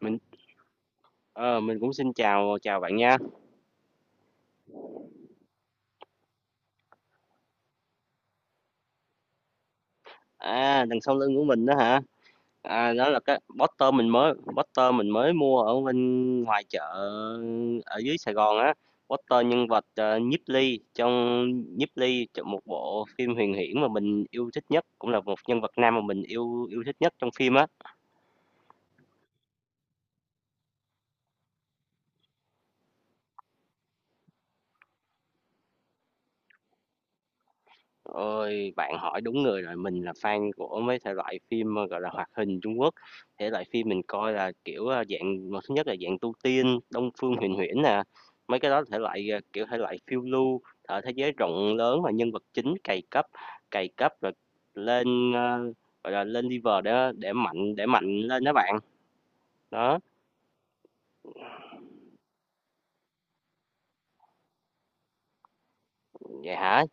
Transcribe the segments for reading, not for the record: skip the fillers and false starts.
Mình ờ, mình cũng xin chào chào bạn nha. À, đằng sau lưng của mình đó hả? À, đó là cái Poster mình mới mua ở bên ngoài chợ ở dưới Sài Gòn á. Poster nhân vật Nhiếp Ly trong một bộ phim huyền huyễn mà mình yêu thích nhất, cũng là một nhân vật nam mà mình yêu yêu thích nhất trong phim á. Ôi, bạn hỏi đúng người rồi, mình là fan của mấy thể loại phim, gọi là, hoạt hình Trung Quốc. Thể loại phim mình coi là, kiểu, dạng một thứ nhất là dạng tu tiên, Đông Phương Huyền Huyễn nè, mấy cái đó là thể loại, à, kiểu, thể loại phiêu lưu, ở thế giới rộng lớn và nhân vật chính cày cấp rồi lên, gọi là, lên level để mạnh lên đó bạn. Đó, vậy hả?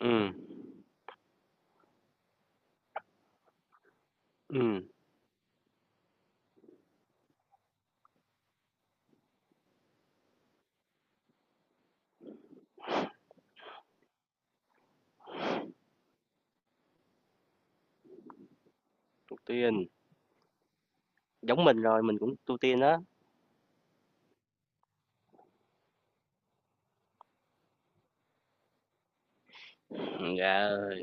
Ừm, ừm, tu tiên, giống mình rồi, mình cũng tu tiên đó, yeah.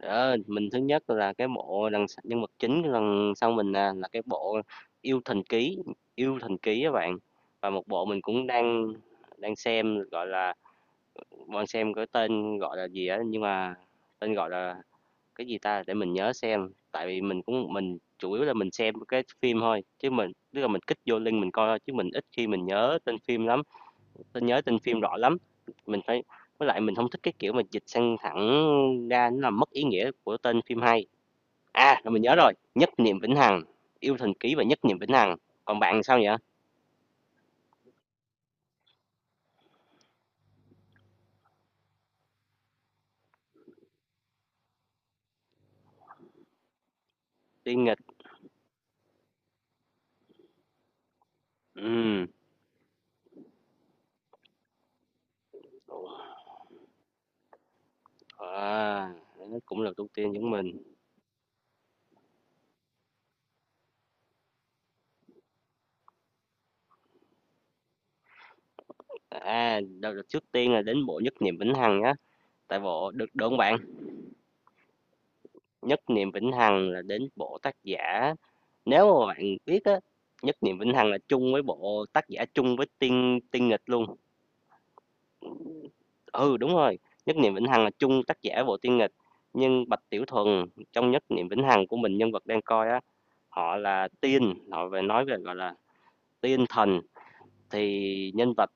Ờ, mình thứ nhất là cái bộ đằng s nhân vật chính đằng sau mình nè, là cái bộ "Yêu Thần Ký", "Yêu Thần Ký" các bạn. Và một bộ mình cũng đang đang xem, gọi là, đang xem cái tên gọi là gì á, nhưng mà tên gọi là cái gì ta, để mình nhớ xem. Tại vì mình chủ yếu là mình xem cái phim thôi, chứ mình tức là mình kích vô link mình coi thôi, chứ mình ít khi mình nhớ tên phim lắm, nhớ tên phim rõ lắm. Mình phải với lại mình không thích cái kiểu mà dịch sang thẳng ra nó làm mất ý nghĩa của tên phim hay. À, rồi mình nhớ rồi, Nhất Niệm Vĩnh Hằng, Yêu Thần Ký và Nhất Niệm Vĩnh Hằng. Còn bạn sao vậy? Tiên Nghịch. Ừm. À, nó cũng là tu tiên giống mình. À, trước tiên là đến bộ Nhất Niệm Vĩnh Hằng nhá. Tại bộ được được không bạn? Nhất Niệm Vĩnh Hằng là đến bộ tác giả. Nếu mà bạn biết á, Nhất Niệm Vĩnh Hằng là chung với bộ tác giả chung với Tiên Tiên Nghịch luôn. Ừ đúng rồi, Nhất Niệm Vĩnh Hằng là chung tác giả bộ Tiên Nghịch. Nhưng Bạch Tiểu Thuần trong Nhất Niệm Vĩnh Hằng của mình nhân vật đang coi á. Họ là tiên, họ về nói về, gọi là, tiên thần, thì nhân vật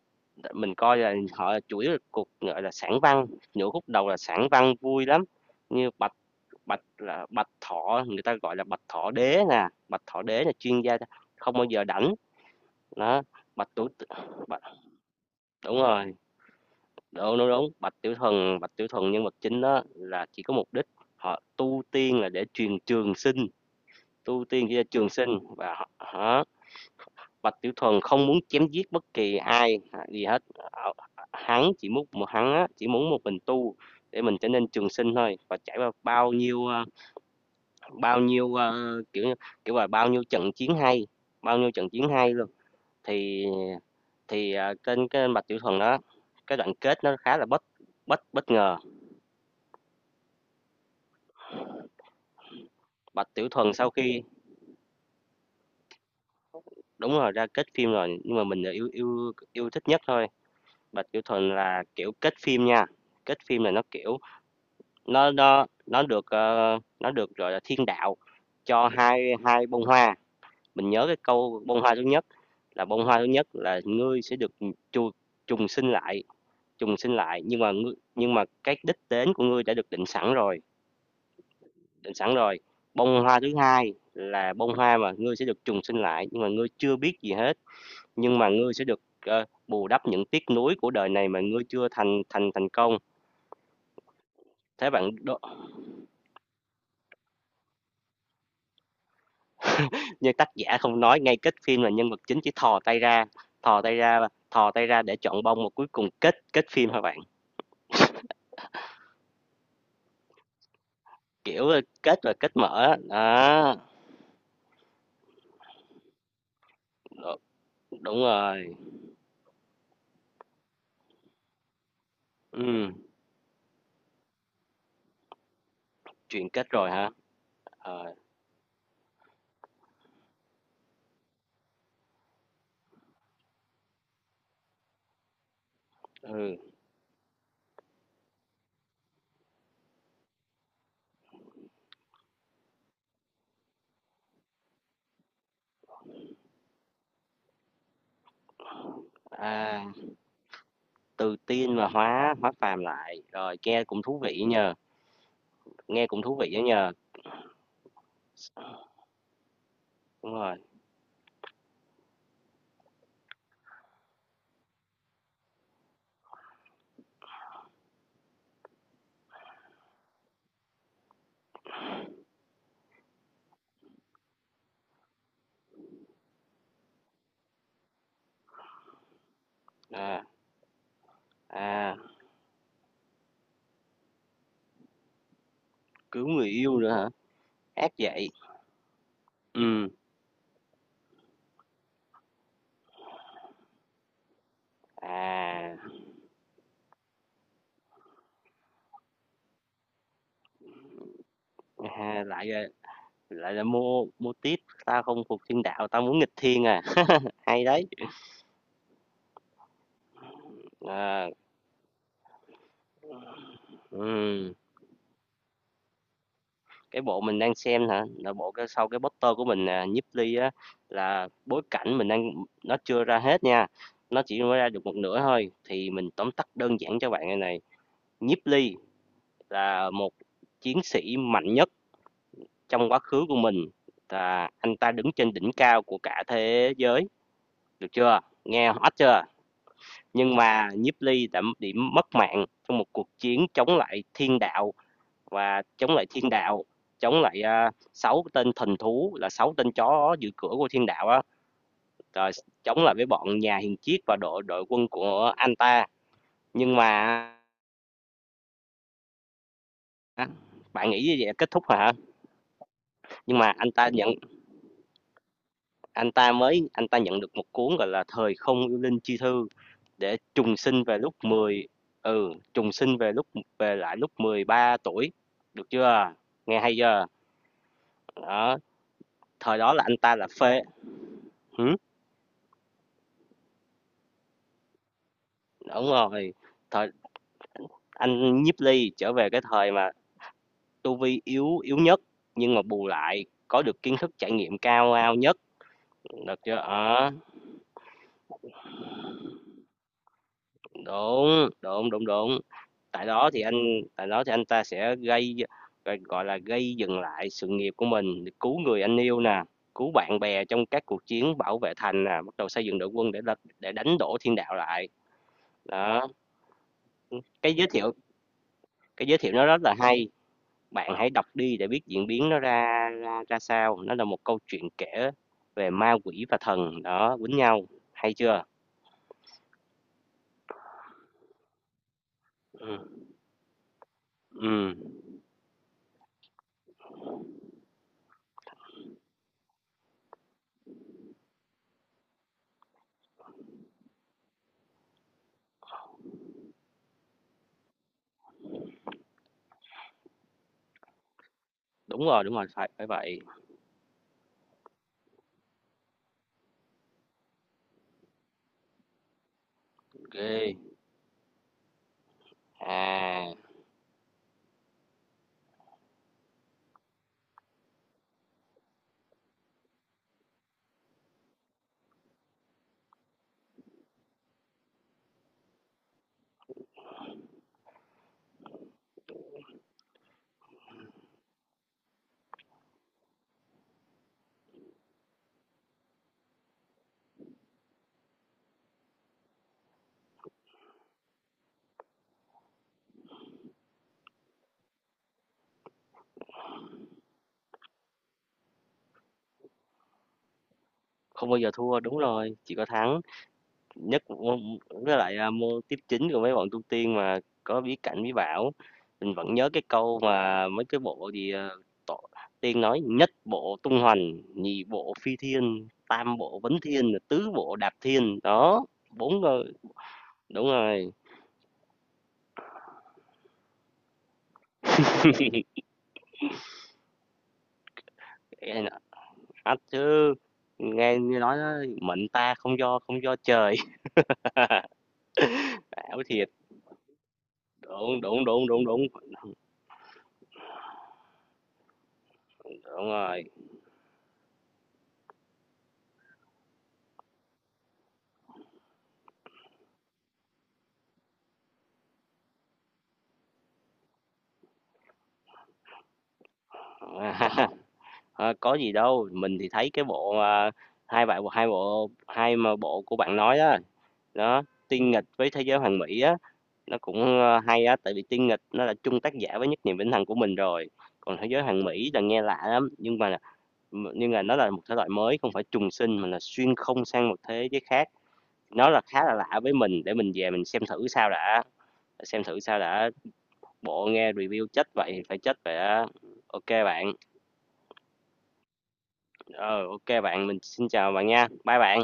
mình coi là họ là chủ yếu là cục, gọi là, sản văn, nửa khúc đầu là sản văn vui lắm, như Bạch Bạch là Bạch Thọ, người ta gọi là Bạch Thọ Đế nè, Bạch Thọ Đế là chuyên gia không bao giờ đảnh đó, Bạch Tiểu Bạch đúng rồi, đúng, đúng, đúng, Bạch Tiểu thần nhân vật chính đó là chỉ có mục đích họ tu tiên là để truyền trường sinh, tu tiên chỉ là trường sinh và họ Bạch Tiểu Thuần không muốn chém giết bất kỳ ai à, gì hết. Ờ, Hắn chỉ muốn chỉ muốn một mình tu để mình trở nên trường sinh thôi và trải qua bao nhiêu bao nhiêu kiểu kiểu là bao nhiêu trận chiến hay, bao nhiêu trận chiến hay luôn. Thì thì kênh trên cái Bạch Tiểu Thuần đó cái đoạn kết nó khá là bất bất bất ngờ. Bạch Tiểu Thuần sau khi đúng rồi ra kết phim rồi nhưng mà mình là yêu yêu yêu thích nhất thôi. Bạch Tiểu Thuần là kiểu kết phim nha. Kết phim là nó kiểu nó được nó được gọi là thiên đạo cho hai hai bông hoa. Mình nhớ cái câu bông hoa thứ nhất là bông hoa thứ nhất là ngươi sẽ được chu, trùng sinh lại, trùng sinh lại nhưng mà ngươi, nhưng mà cái đích đến của ngươi đã được định sẵn rồi, định sẵn rồi. Bông hoa thứ hai là bông hoa mà ngươi sẽ được trùng sinh lại nhưng mà ngươi chưa biết gì hết, nhưng mà ngươi sẽ được bù đắp những tiếc nuối của đời này mà ngươi chưa thành thành thành công. Thế như tác giả không nói ngay kết phim là nhân vật chính chỉ thò tay ra, thò tay ra thò tay ra để chọn bông mà cuối cùng kết kết phim hả bạn? Kiểu kết rồi kết mở đó. Đúng rồi. Ừ. Chuyện kết rồi hả? Ờ. Ừ. À, từ tiên mà hóa hóa phàm lại rồi nghe cũng thú vị nhờ. Nghe cũng thú vị đó nhờ. Đúng rồi. À. À, cứu người yêu nữa hả? Ác vậy. Ừ. À, à, lại là mua mua tiếp, tao không phục thiên đạo tao muốn nghịch thiên à. Hay đấy. À, ừm. Cái bộ mình đang xem hả là bộ cái sau cái poster của mình à, Nhiếp Ly á là bối cảnh mình đang, nó chưa ra hết nha, nó chỉ mới ra được một nửa thôi thì mình tóm tắt đơn giản cho bạn. Này này Nhiếp Ly là một chiến sĩ mạnh nhất trong quá khứ của mình, là anh ta đứng trên đỉnh cao của cả thế giới, được chưa, nghe hot chưa? Nhưng mà Nhiếp Ly đã bị mất mạng trong một cuộc chiến chống lại thiên đạo và chống lại thiên đạo, chống lại sáu tên thần thú là sáu tên chó giữ cửa của thiên đạo á, rồi chống lại với bọn nhà hiền triết và đội đội quân của anh ta, nhưng mà á, bạn nghĩ như vậy là kết thúc rồi hả? Nhưng mà anh ta nhận Anh ta nhận được một cuốn gọi là thời không yêu linh chi thư để trùng sinh về lúc ừ, trùng sinh về về lại lúc 13 tuổi, được chưa? Nghe hay chưa? Đó, thời đó là anh ta là phê. Hử? Đúng rồi. Thời anh Nhiếp Ly trở về cái thời mà tu vi yếu yếu nhất nhưng mà bù lại có được kiến thức trải nghiệm ao nhất, được chưa? Đó, đúng, đúng, đúng, đúng. Tại đó thì anh tại đó thì anh ta sẽ gọi là, gây dừng lại sự nghiệp của mình, cứu người anh yêu nè, cứu bạn bè trong các cuộc chiến bảo vệ thành nè, bắt đầu xây dựng đội quân để đánh đổ thiên đạo lại. Đó, cái giới thiệu cái giới thiệu nó rất là hay, bạn hãy đọc đi để biết diễn biến nó ra ra ra sao. Nó là một câu chuyện kể về ma quỷ và thần, đó, quýnh nhau, hay chưa? Ừm, ừm, đúng rồi, phải phải vậy. Ghê, à, không bao giờ thua, đúng rồi, chỉ có thắng. nhất môn- với lại à, môn tiếp chính của mấy bọn tu tiên mà có bí cảnh bí bảo, mình vẫn nhớ cái câu mà mấy cái bộ gì à, tổ, tiên nói nhất bộ tung hoành nhị bộ phi thiên tam bộ vấn thiên tứ bộ đạp thiên đó bốn người. Đúng rồi. Ê, nói chứ nghe như nói đó, mệnh ta không do trời. Bảo thiệt, đúng đúng đúng đúng đúng. Đúng rồi. Ờ, có gì đâu, mình thì thấy cái bộ, à, hai bạn hai bộ hai mà bộ của bạn nói đó. Đó, Tiên Nghịch với Thế Giới Hoàn Mỹ á, nó cũng, hay á, tại vì Tiên Nghịch nó là chung tác giả với Nhất Niệm Vĩnh Hằng của mình rồi, còn Thế Giới Hoàn Mỹ là nghe lạ lắm, nhưng mà nhưng mà nó là một thể loại mới, không phải trùng sinh mà là xuyên không sang một thế giới khác, nó là khá là lạ với mình, để mình về mình xem thử sao đã, xem thử sao đã, bộ nghe review chết vậy thì phải chết vậy á. Ô bạn, ờ, ô bạn, mình xin chào bạn nha, bye bạn.